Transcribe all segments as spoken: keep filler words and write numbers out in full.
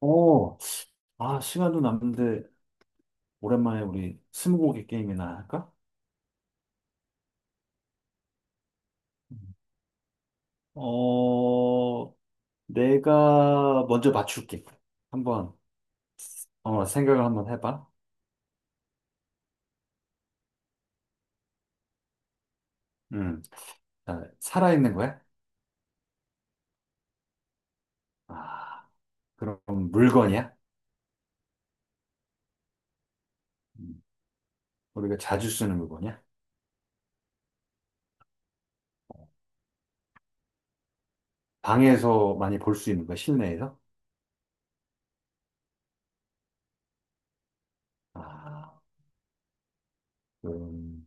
어, 아, 시간도 남는데, 오랜만에 우리 스무고개 게임이나 할까? 음. 어, 내가 먼저 맞출게. 한번, 어, 생각을 한번 해봐. 음, 자, 살아있는 거야? 아, 그럼 물건이야? 음, 우리가 자주 쓰는 물건이야? 방에서 많이 볼 수 있는 거야, 실내에서? 아, 그럼,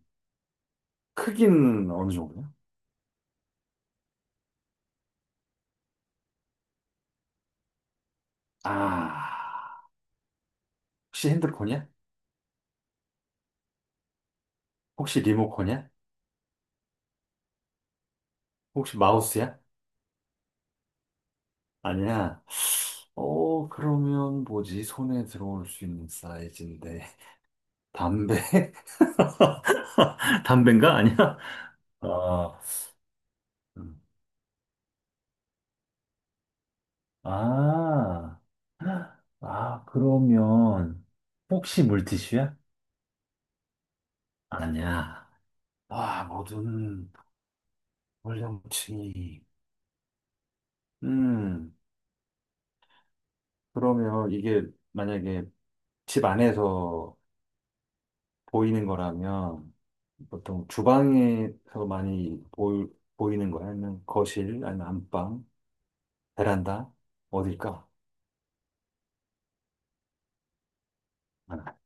크기는 어느 정도야? 아, 혹시 핸드폰이야? 혹시 리모컨이야? 혹시 마우스야? 아니야. 어, 그러면 뭐지? 손에 들어올 수 있는 사이즈인데. 담배? 담배인가? 아니야? 아, 음. 아, 아, 그러면 혹시 물티슈야? 아니야. 아, 모든 연령층이. 음, 그러면 이게 만약에 집 안에서 보이는 거라면 보통 주방에서 많이 보이, 보이는 거야? 아니면 거실, 아니면 안방, 베란다? 어딜까? 아,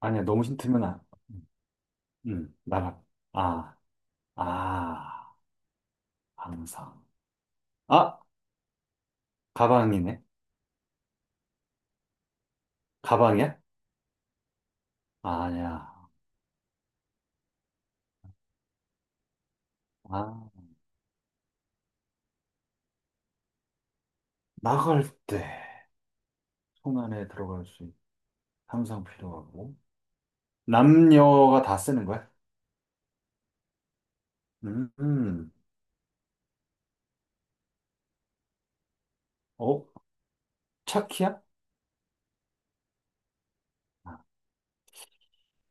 아니야, 너무 힌트면 안, 응 나가. 아, 아, 항상. 아, 가방이네. 가방이야? 아, 아니야. 아, 나갈 때 손 안에 들어갈 수 있, 항상 필요하고. 남녀가 다 쓰는 거야? 음, 음. 어? 차키야? 아,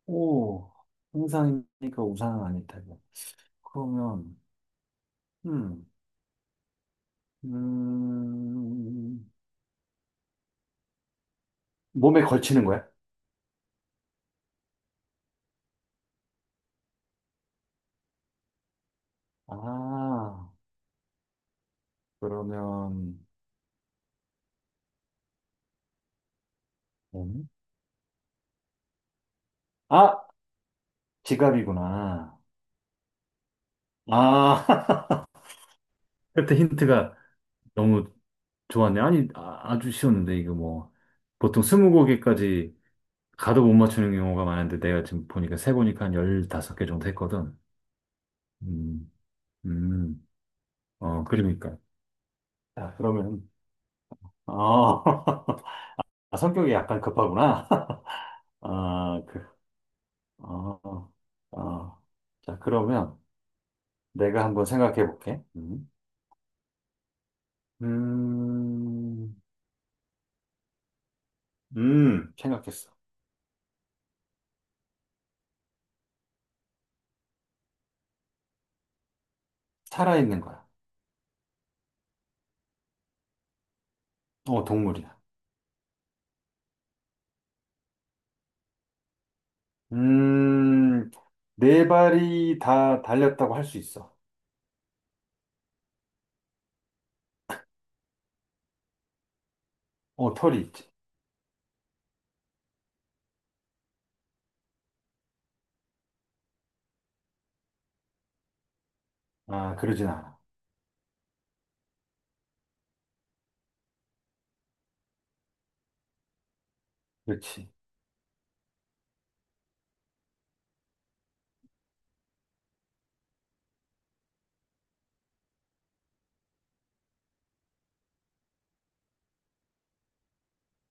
오, 형상이니까 우산은 아닐 테고. 그러면, 음, 음, 몸에 걸치는 거야? 아, 그러면, 몸? 아, 지갑이구나. 아, 그때 힌트가 너무 좋았네. 아니, 아, 주 쉬웠는데, 이거 뭐. 보통 스무 곡에까지 가도 못 맞추는 경우가 많은데, 내가 지금 보니까 세 보니까 한 열다섯 개 정도 했거든. 음, 음, 어, 그러니까. 자, 그러면, 어, 아, 성격이 약간 급하구나. 아, 그, 어, 어. 자, 그러면 내가 한번 생각해 볼게. 음, 음, 음, 생각했어. 살아있는 거야. 어, 동물이야. 음, 네 발이 다 달렸다고 할 수 있어. 어, 털이 있지. 아, 그러진 않아. 그렇지.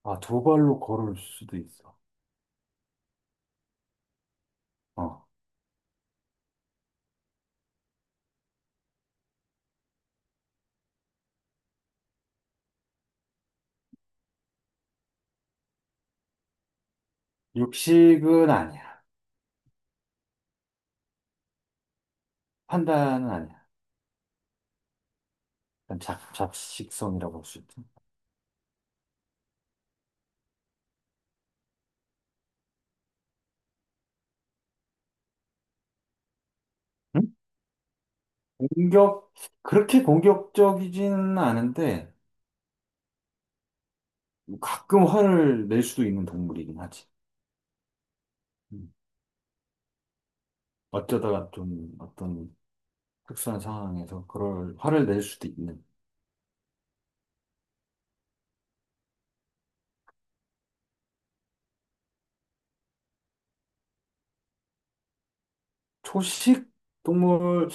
아, 두 발로 걸을 수도 있어. 어, 육식은 아니야. 판다는 아니야. 약간 잡, 잡식성이라고 할 수 있지. 응? 공격, 그렇게 공격적이지는 않은데, 뭐 가끔 화를 낼 수도 있는 동물이긴 하지. 음. 어쩌다가 좀 어떤 특수한 상황에서 그럴 화를 낼 수도 있는. 초식 동물,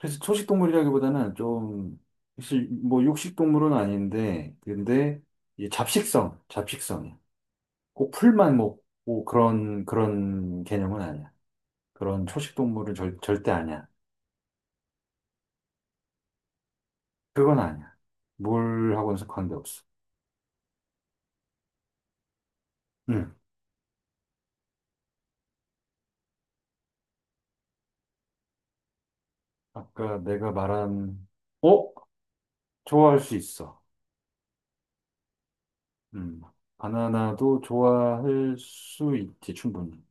그래서 초식 동물이라기보다는 좀, 사실 뭐 육식 동물은 아닌데, 근데 이 잡식성, 잡식성이야. 꼭 풀만 먹고 그런, 그런 개념은 아니야. 그런 초식 동물은 절, 절대 아니야. 그건 아니야. 물하고는 관계없어. 응. 아까 내가 말한, 어? 좋아할 수 있어. 음. 바나나도 좋아할 수 있지, 충분히.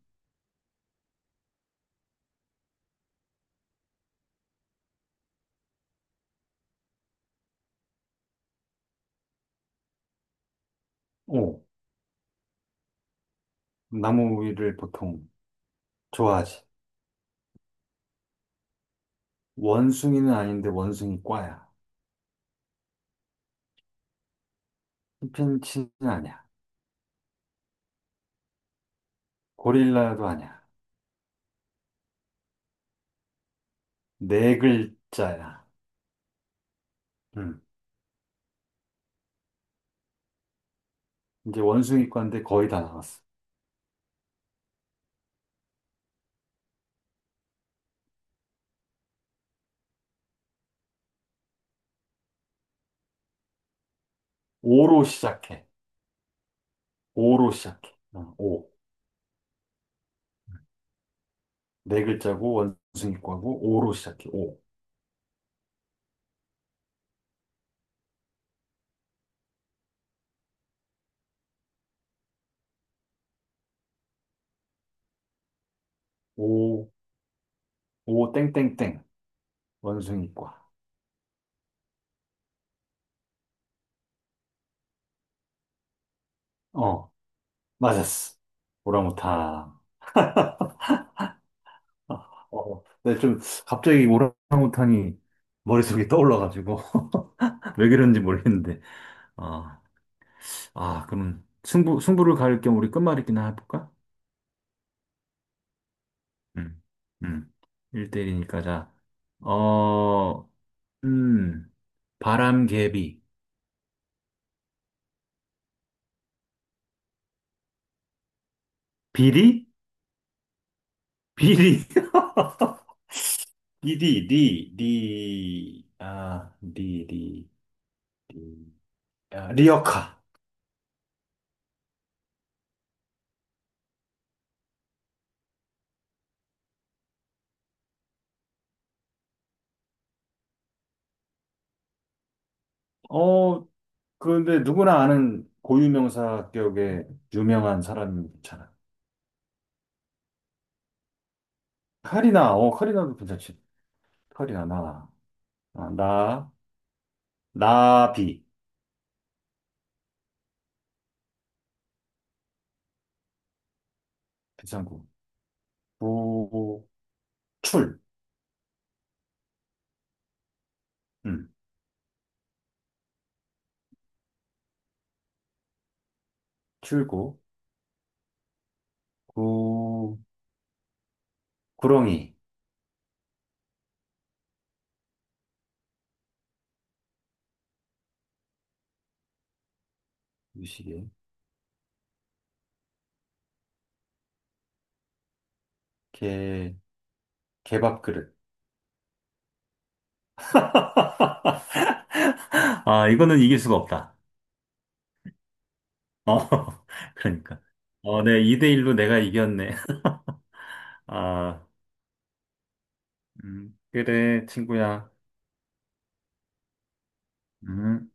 오. 나무 위를 보통 좋아하지. 원숭이는 아닌데 원숭이 과야. chimpanzee는 아니야. 고릴라도 아니야. 네 글자야. 음. 이제 원숭이과인데 거의 다 나왔어. 오로 시작해. 오로 시작해. 어, 오. 네 글자고 원숭이과고 오로 시작해. 오. 오, 오, 땡땡땡. 원숭이과. 어, 맞았어. 오랑우탄. 어, 어. 근데 좀 갑자기 오랑우탄이 머릿속에 떠올라가지고 왜 그런지 모르겠는데. 어, 아, 그럼 승부 승부를 가릴 겸 우리 끝말잇기나 해볼까? 음, 음, 일 대일이니까 자, 어, 음, 바람개비, 비리, 비리, 비리, 리, 리, 아, 리, 리, 리, 아, 리어카. 어, 그런데 누구나 아는 고유명사 격의 유명한 사람이면 괜찮아. 카리나, 어, 카리나도 괜찮지. 카리나, 나, 아, 나, 나비, 괜찮고. 구, 출, 음, 출구, 구, 구렁이, 유시개, 개, 개밥 그릇. 아, 이거는 이길 수가 없다. 어, 그러니까. 어, 네, 이 대일로 내가 이겼네. 아, 음, 그래, 친구야. 음.